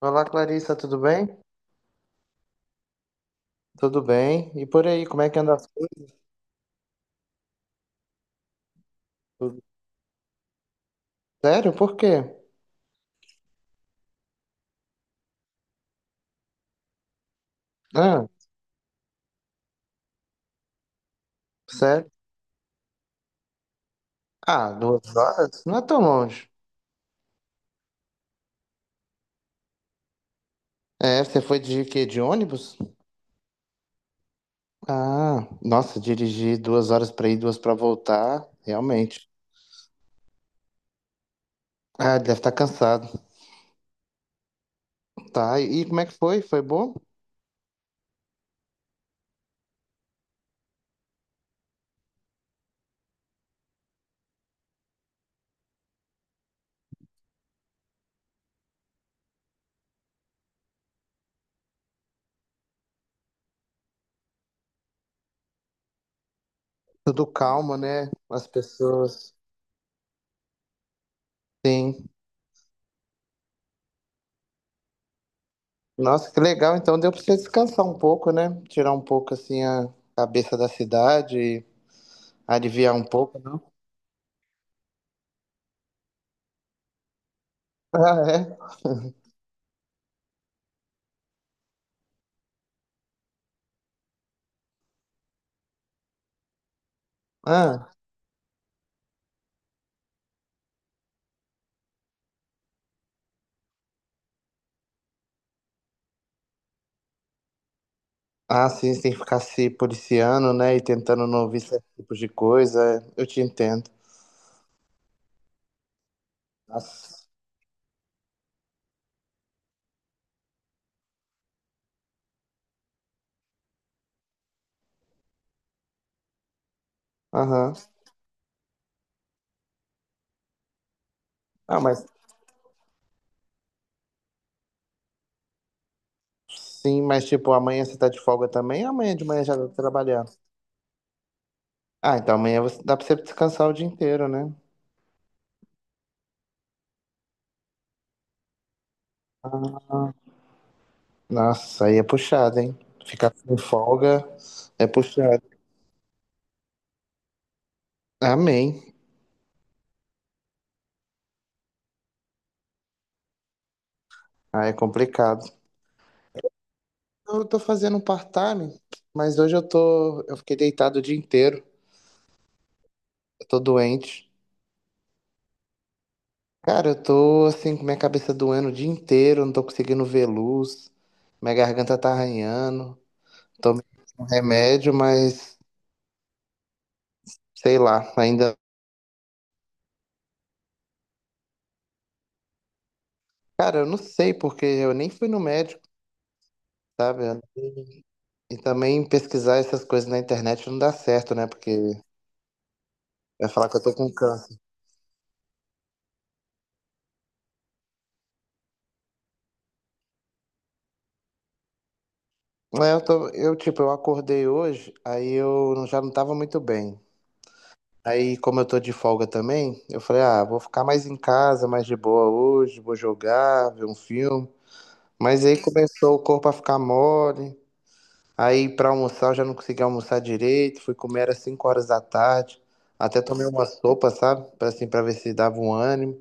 Olá, Clarissa, tudo bem? Tudo bem. E por aí, como é que anda as coisas? Tudo- Sério? Por quê? Ah, sério? Ah, 2 horas? Não é tão longe. É, você foi de quê? De ônibus? Ah, nossa, dirigir 2 horas pra ir, 2 pra voltar, realmente. Ah, deve estar cansado. Tá, e como é que foi? Foi bom? Tudo calmo, né? As pessoas. Sim. Nossa, que legal. Então deu pra você descansar um pouco, né? Tirar um pouco, assim, a cabeça da cidade e aliviar um pouco. Ah, é? Ah, ah, sim, você tem que ficar se policiando, né? E tentando não ouvir certos tipos de coisa. Eu te entendo. Nossa. Aham. Ah, mas sim, mas tipo, amanhã você tá de folga também? Amanhã de manhã já tá trabalhando. Ah, então amanhã você, dá pra você descansar o dia inteiro, né? Nossa, aí é puxado, hein? Ficar sem folga é puxado. Amém. Ah, é complicado. Eu tô fazendo um part-time, mas hoje eu tô. Eu fiquei deitado o dia inteiro. Eu tô doente. Cara, eu tô assim com minha cabeça doendo o dia inteiro, não tô conseguindo ver luz, minha garganta tá arranhando, tomei um remédio, mas sei lá, ainda. Cara, eu não sei porque eu nem fui no médico, sabe? E também pesquisar essas coisas na internet não dá certo, né? Porque vai falar que eu tô com câncer. É, eu tipo, eu acordei hoje, aí eu não- já não tava muito bem. Aí, como eu tô de folga também, eu falei, ah, vou ficar mais em casa, mais de boa hoje, vou jogar, ver um filme. Mas aí começou o corpo a ficar mole. Aí pra almoçar eu já não conseguia almoçar direito. Fui comer às 5 horas da tarde. Até tomei uma sopa, sabe? Pra, assim, pra ver se dava um ânimo.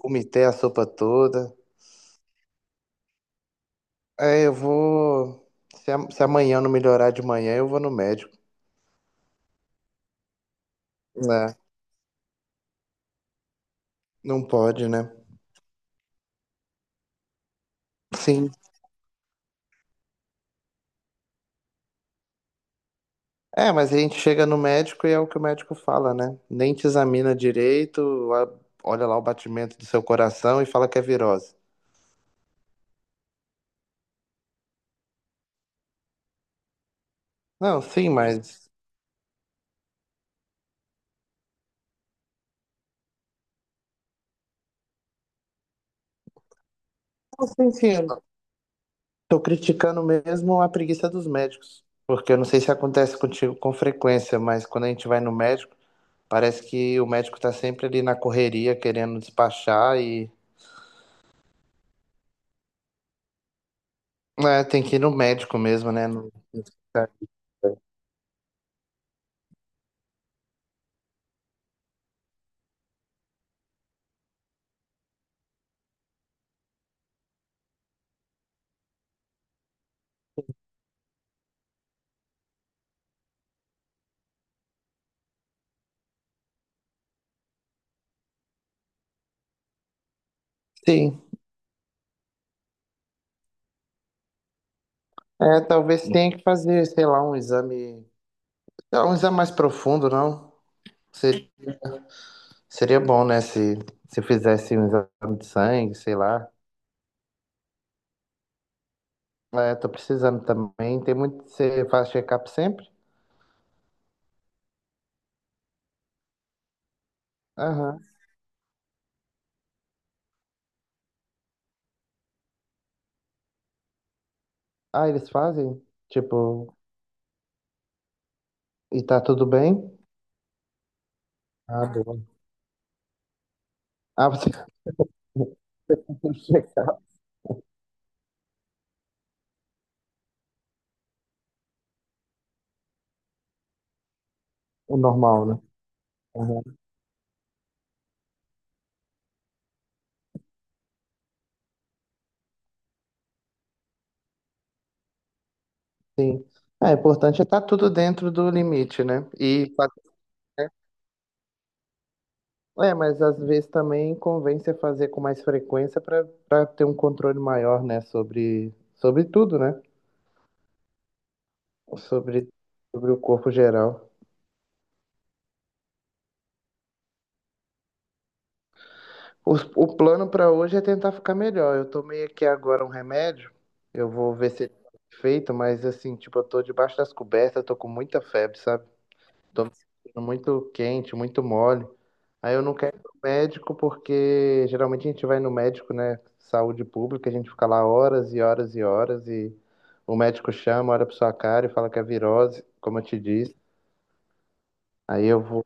Vomitei a sopa toda. Aí eu vou. Se amanhã não melhorar de manhã, eu vou no médico. Né? Não pode, né? Sim. É, mas a gente chega no médico e é o que o médico fala, né? Nem te examina direito, a- olha lá o batimento do seu coração e fala que é virose. Não, sim, mas. Não, sim, sim. Tô criticando mesmo a preguiça dos médicos, porque eu não sei se acontece contigo com frequência, mas quando a gente vai no médico, parece que o médico tá sempre ali na correria, querendo despachar e é, tem que ir no médico mesmo, né? Sim, é, talvez tenha que fazer, sei lá, um exame, sei lá, um exame mais profundo, não? Se- Seria bom, né, se, fizesse um exame de sangue, sei lá. É, tô precisando também, tem muito, você faz check-up sempre? Aham. Ah, eles fazem? Tipo, e tá tudo bem? Ah, boa. Ah, você tem checar o normal, né? Uhum. Sim. É, o importante é estar tudo dentro do limite, né? E fazer, né? É, mas às vezes também convém você fazer com mais frequência para ter um controle maior, né? Sobre, sobre tudo, né? Sobre, sobre o corpo geral. O, o plano para hoje é tentar ficar melhor. Eu tomei aqui agora um remédio. Eu vou ver se ele tá feito, mas assim, tipo, eu tô debaixo das cobertas, tô com muita febre, sabe? Tô me sentindo muito quente, muito mole. Aí eu não quero ir no médico porque geralmente a gente vai no médico, né? Saúde pública, a gente fica lá horas e horas e horas e o médico chama, olha pra sua cara e fala que é virose, como eu te disse. Aí eu vou,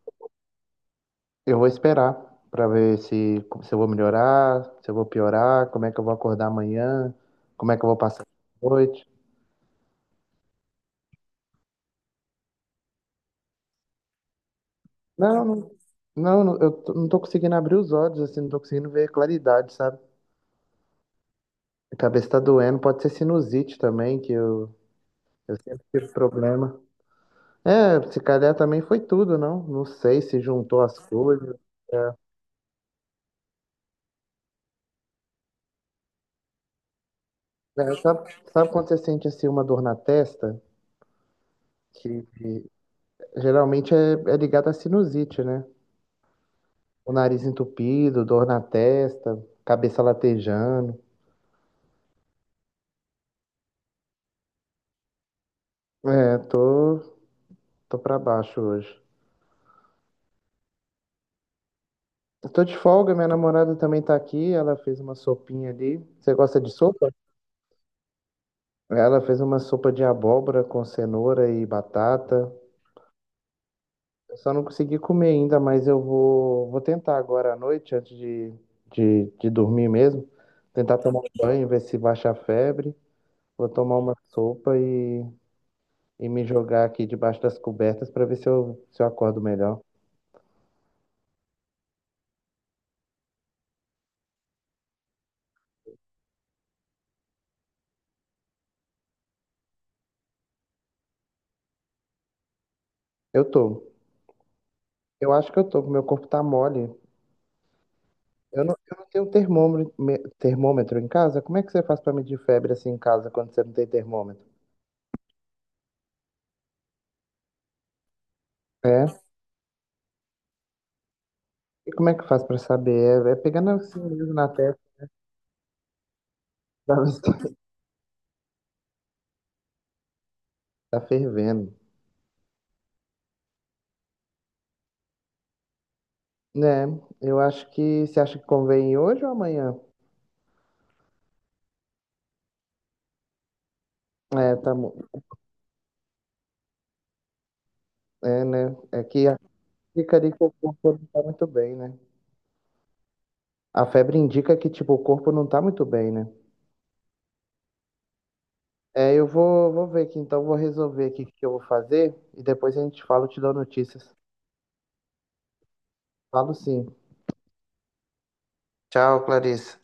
eu vou esperar pra ver se eu vou melhorar, se eu vou piorar, como é que eu vou acordar amanhã, como é que eu vou passar a noite. Não, não, não, não, não tô conseguindo abrir os olhos, assim, não tô conseguindo ver claridade, sabe? A cabeça tá doendo, pode ser sinusite também, que eu sempre tive problema. É, se calhar também foi tudo, não? Não sei se juntou as coisas. É. É, sabe quando você sente assim uma dor na testa? Que geralmente é ligada à sinusite, né? O nariz entupido, dor na testa, cabeça latejando. É, tô pra baixo hoje. Eu tô de folga, minha namorada também tá aqui, ela fez uma sopinha ali. Você gosta de sopa? Ela fez uma sopa de abóbora com cenoura e batata. Eu só não consegui comer ainda, mas eu vou tentar agora à noite, antes de dormir mesmo. Tentar tomar um banho, ver se baixa a febre. Vou tomar uma sopa e me jogar aqui debaixo das cobertas para ver se eu acordo melhor. Eu tô. Eu acho que eu tô, meu corpo tá mole. Eu não tenho termômetro, termômetro em casa. Como é que você faz para medir febre assim em casa quando você não tem termômetro? É. E como é que faz pra saber? É pegando assim mesmo na testa pra ver se tá fervendo. Né? Eu acho que você acha que convém hoje ou amanhã? É, tá, é, né? É que fica ali que o corpo não tá muito bem, né? A febre indica que, tipo, o corpo não tá muito bem, né? É, eu vou ver aqui, então vou resolver aqui o que eu vou fazer e depois a gente fala, eu te dou notícias. Falo sim. Tchau, Clarice.